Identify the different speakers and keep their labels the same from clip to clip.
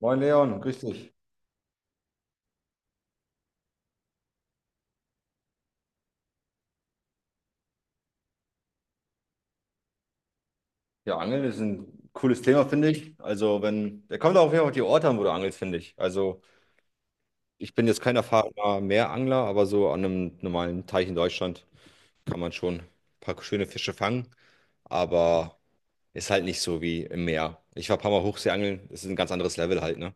Speaker 1: Moin Leon, grüß dich. Ja, Angeln ist ein cooles Thema, finde ich. Also, wenn, der kommt auch auf jeden Fall auf die Orte an, wo du angelst, finde ich. Also, ich bin jetzt kein erfahrener Meerangler, aber so an einem normalen Teich in Deutschland kann man schon ein paar schöne Fische fangen, aber ist halt nicht so wie im Meer. Ich war ein paar Mal Hochseeangeln, das ist ein ganz anderes Level halt, ne?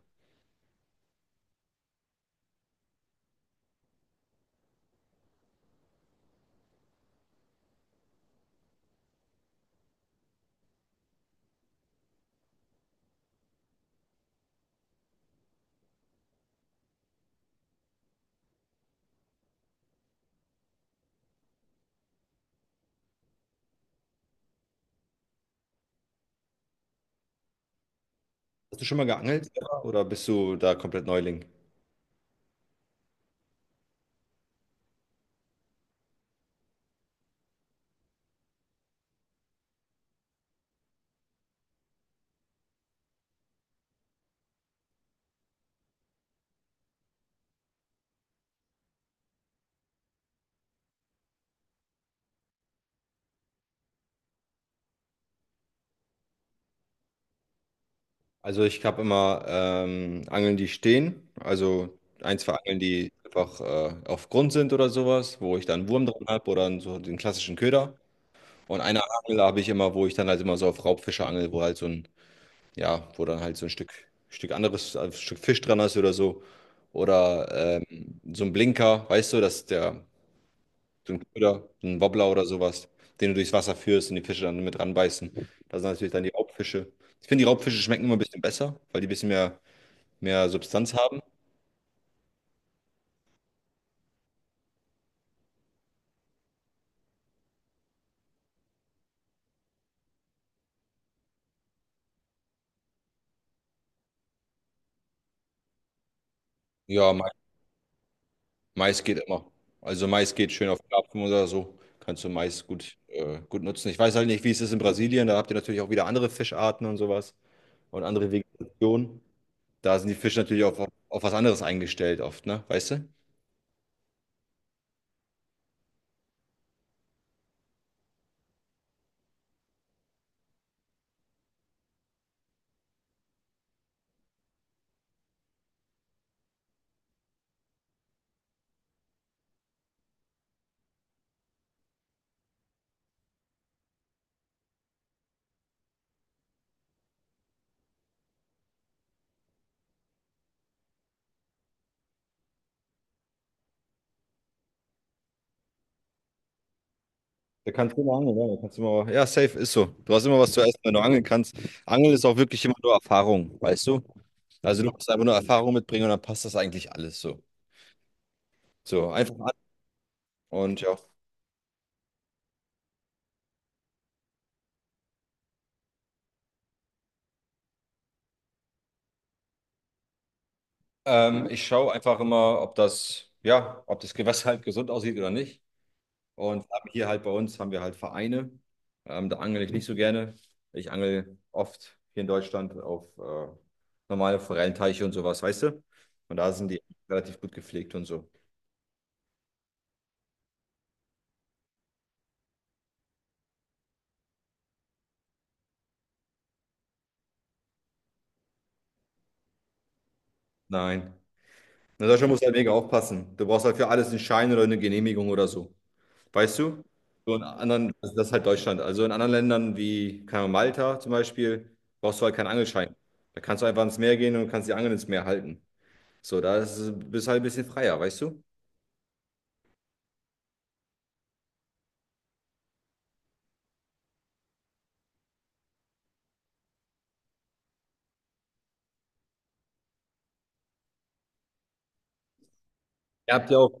Speaker 1: Hast du schon mal geangelt selber, oder bist du da komplett Neuling? Also ich habe immer Angeln, die stehen. Also ein, zwei Angeln, die einfach auf Grund sind oder sowas, wo ich dann einen Wurm drin habe oder so den klassischen Köder. Und eine Angel habe ich immer, wo ich dann halt immer so auf Raubfische angel, wo halt so ein, ja, wo dann halt so ein Stück, Stück anderes, ein Stück Fisch dran ist oder so. Oder so ein Blinker, weißt du, dass der, so ein Köder, so ein Wobbler oder sowas, den du durchs Wasser führst und die Fische dann mit ranbeißen. Da sind natürlich dann die Raubfische. Ich finde, die Raubfische schmecken immer ein bisschen besser, weil die ein bisschen mehr Substanz haben. Ja, Mais, Mais geht immer. Also Mais geht schön auf Karpfen oder so. Kannst du Mais gut, gut nutzen. Ich weiß halt nicht, wie es ist in Brasilien. Da habt ihr natürlich auch wieder andere Fischarten und sowas und andere Vegetationen. Da sind die Fische natürlich auf was anderes eingestellt oft, ne? Weißt du? Da kannst du immer angeln, ja. Da kannst du immer, ja, safe ist so. Du hast immer was zu essen, wenn du angeln kannst. Angeln ist auch wirklich immer nur Erfahrung, weißt du? Also du musst einfach nur Erfahrung mitbringen und dann passt das eigentlich alles so. So, einfach an und ja. Ich schaue einfach immer, ob das, ja, ob das Gewässer halt gesund aussieht oder nicht. Und haben hier halt bei uns haben wir halt Vereine. Da angel ich nicht so gerne. Ich angel oft hier in Deutschland auf normale Forellenteiche und sowas, weißt du? Und da sind die relativ gut gepflegt und so. Nein. In Deutschland musst du halt mega aufpassen. Du brauchst halt für alles einen Schein oder eine Genehmigung oder so. Weißt du? So in anderen, also das ist halt Deutschland. Also in anderen Ländern wie keine Ahnung, Malta zum Beispiel, brauchst du halt keinen Angelschein. Da kannst du einfach ins Meer gehen und kannst die Angel ins Meer halten. So, da ist, bist du halt ein bisschen freier, weißt du? Ihr habt ja auch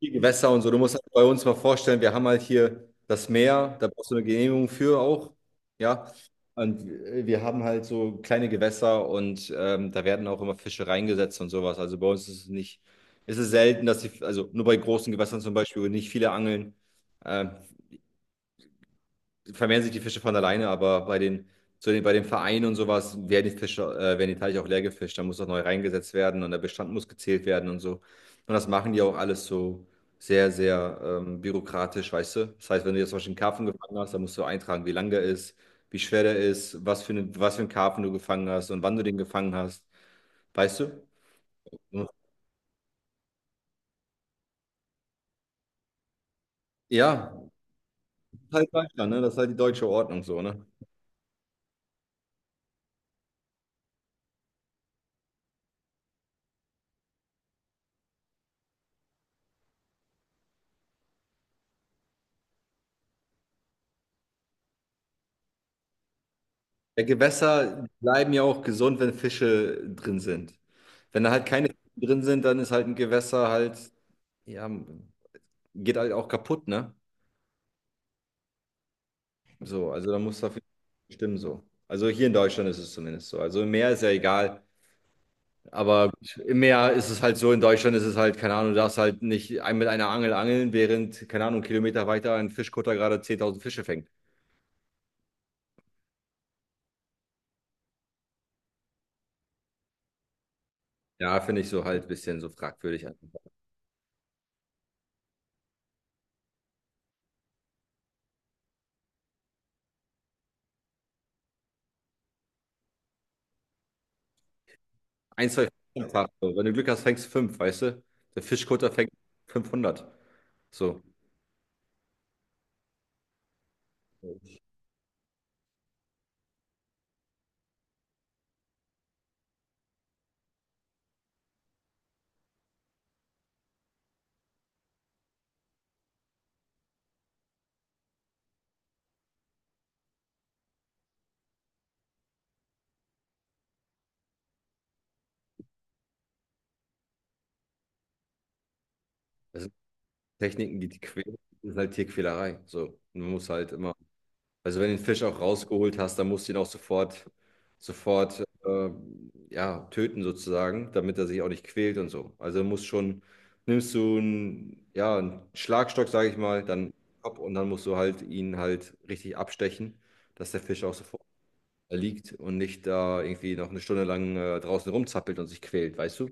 Speaker 1: viel Gewässer und so. Du musst halt bei uns mal vorstellen, wir haben halt hier das Meer, da brauchst du eine Genehmigung für auch. Ja. Und wir haben halt so kleine Gewässer und da werden auch immer Fische reingesetzt und sowas. Also bei uns ist es nicht, ist es selten, dass die, also nur bei großen Gewässern zum Beispiel, wo nicht viele angeln. Ähm, Vermehren sich die Fische von alleine, aber bei den, zu den, bei den Vereinen und sowas werden die Fische, werden die Teiche auch leer gefischt. Da muss auch neu reingesetzt werden und der Bestand muss gezählt werden und so. Und das machen die auch alles so sehr, sehr bürokratisch, weißt du? Das heißt, wenn du jetzt zum Beispiel einen Karpfen gefangen hast, dann musst du eintragen, wie lang der ist, wie schwer der ist, was für eine, was für einen Karpfen du gefangen hast und wann du den gefangen hast, weißt du? Ja, halt Deutschland, ne? Das ist halt die deutsche Ordnung so, ne? Ja, Gewässer bleiben ja auch gesund, wenn Fische drin sind. Wenn da halt keine Fische drin sind, dann ist halt ein Gewässer halt, ja, geht halt auch kaputt, ne? So, also da muss dafür stimmen so. Also hier in Deutschland ist es zumindest so. Also im Meer ist ja egal, aber im Meer ist es halt so, in Deutschland ist es halt, keine Ahnung, du darfst halt nicht mit einer Angel angeln, während, keine Ahnung, Kilometer weiter ein Fischkutter gerade 10.000 Fische fängt. Ja, finde ich so halt ein bisschen so fragwürdig. Ein, zwei Fänge hast. So. Wenn du Glück hast, fängst du fünf, weißt du? Der Fischkutter fängt 500. So, das sind Techniken, die quälen. Das ist halt Tierquälerei. So, und man muss halt immer, also wenn du den Fisch auch rausgeholt hast, dann musst du ihn auch sofort, sofort, ja, töten sozusagen, damit er sich auch nicht quält und so. Also musst schon, nimmst du einen, ja, einen Schlagstock, sage ich mal, dann Kopf und dann musst du halt ihn halt richtig abstechen, dass der Fisch auch sofort liegt und nicht da irgendwie noch eine Stunde lang draußen rumzappelt und sich quält, weißt du?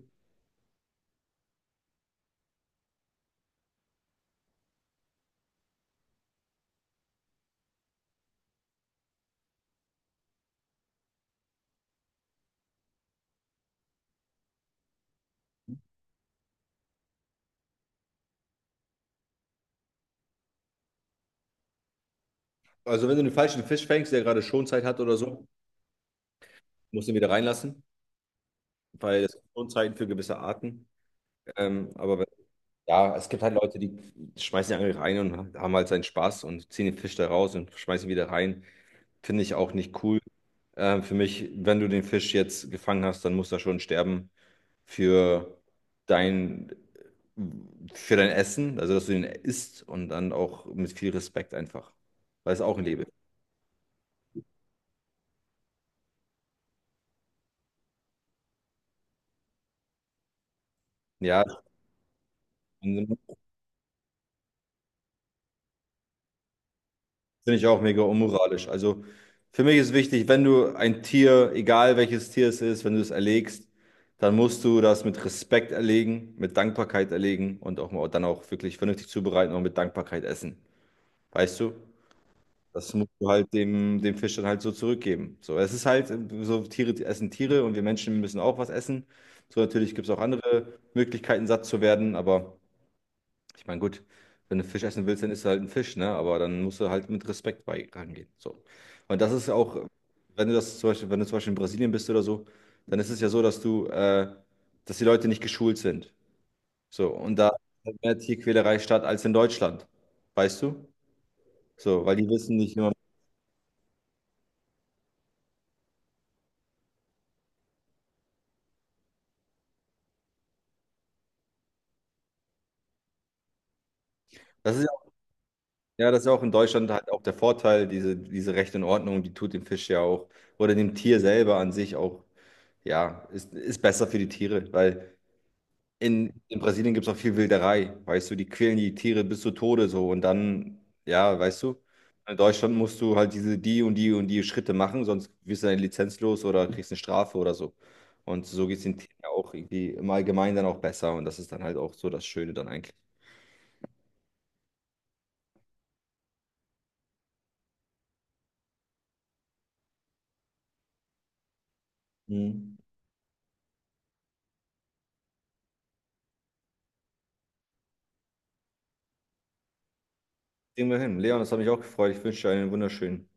Speaker 1: Also wenn du den falschen Fisch fängst, der gerade Schonzeit hat oder so, musst du ihn wieder reinlassen, weil das sind Schonzeiten für gewisse Arten. Aber wenn- ja, es gibt halt Leute, die schmeißen die Angel rein und haben halt seinen Spaß und ziehen den Fisch da raus und schmeißen ihn wieder rein. Finde ich auch nicht cool. Für mich, wenn du den Fisch jetzt gefangen hast, dann muss er schon sterben für dein, für dein Essen, also dass du ihn isst und dann auch mit viel Respekt einfach, weil es auch ein Leben ist. Ja, finde ich auch mega unmoralisch. Also für mich ist wichtig, wenn du ein Tier, egal welches Tier es ist, wenn du es erlegst, dann musst du das mit Respekt erlegen, mit Dankbarkeit erlegen und auch dann auch wirklich vernünftig zubereiten und mit Dankbarkeit essen. Weißt du? Das musst du halt dem, dem Fisch dann halt so zurückgeben. So, es ist halt so, Tiere essen Tiere und wir Menschen müssen auch was essen. So, natürlich gibt es auch andere Möglichkeiten, satt zu werden, aber ich meine, gut, wenn du Fisch essen willst, dann isst du halt einen Fisch, ne? Aber dann musst du halt mit Respekt bei rangehen. So. Und das ist auch, wenn du das zum Beispiel, wenn du zum Beispiel in Brasilien bist oder so, dann ist es ja so, dass du, dass die Leute nicht geschult sind. So, und da findet mehr Tierquälerei statt als in Deutschland. Weißt du? So, weil die wissen nicht immer. Das ist ja, das ist ja auch in Deutschland halt auch der Vorteil, diese, diese Recht und Ordnung, die tut dem Fisch ja auch oder dem Tier selber an sich auch, ja, ist besser für die Tiere, weil in Brasilien gibt es auch viel Wilderei, weißt du, die quälen die Tiere bis zu Tode so und dann, ja, weißt du, in Deutschland musst du halt diese, die und die und die Schritte machen, sonst wirst du deine Lizenz los oder kriegst eine Strafe oder so. Und so geht es den Tieren ja auch irgendwie im Allgemeinen dann auch besser und das ist dann halt auch so das Schöne dann eigentlich. Mhm. Kriegen wir hin. Leon, das hat mich auch gefreut. Ich wünsche dir einen wunderschönen.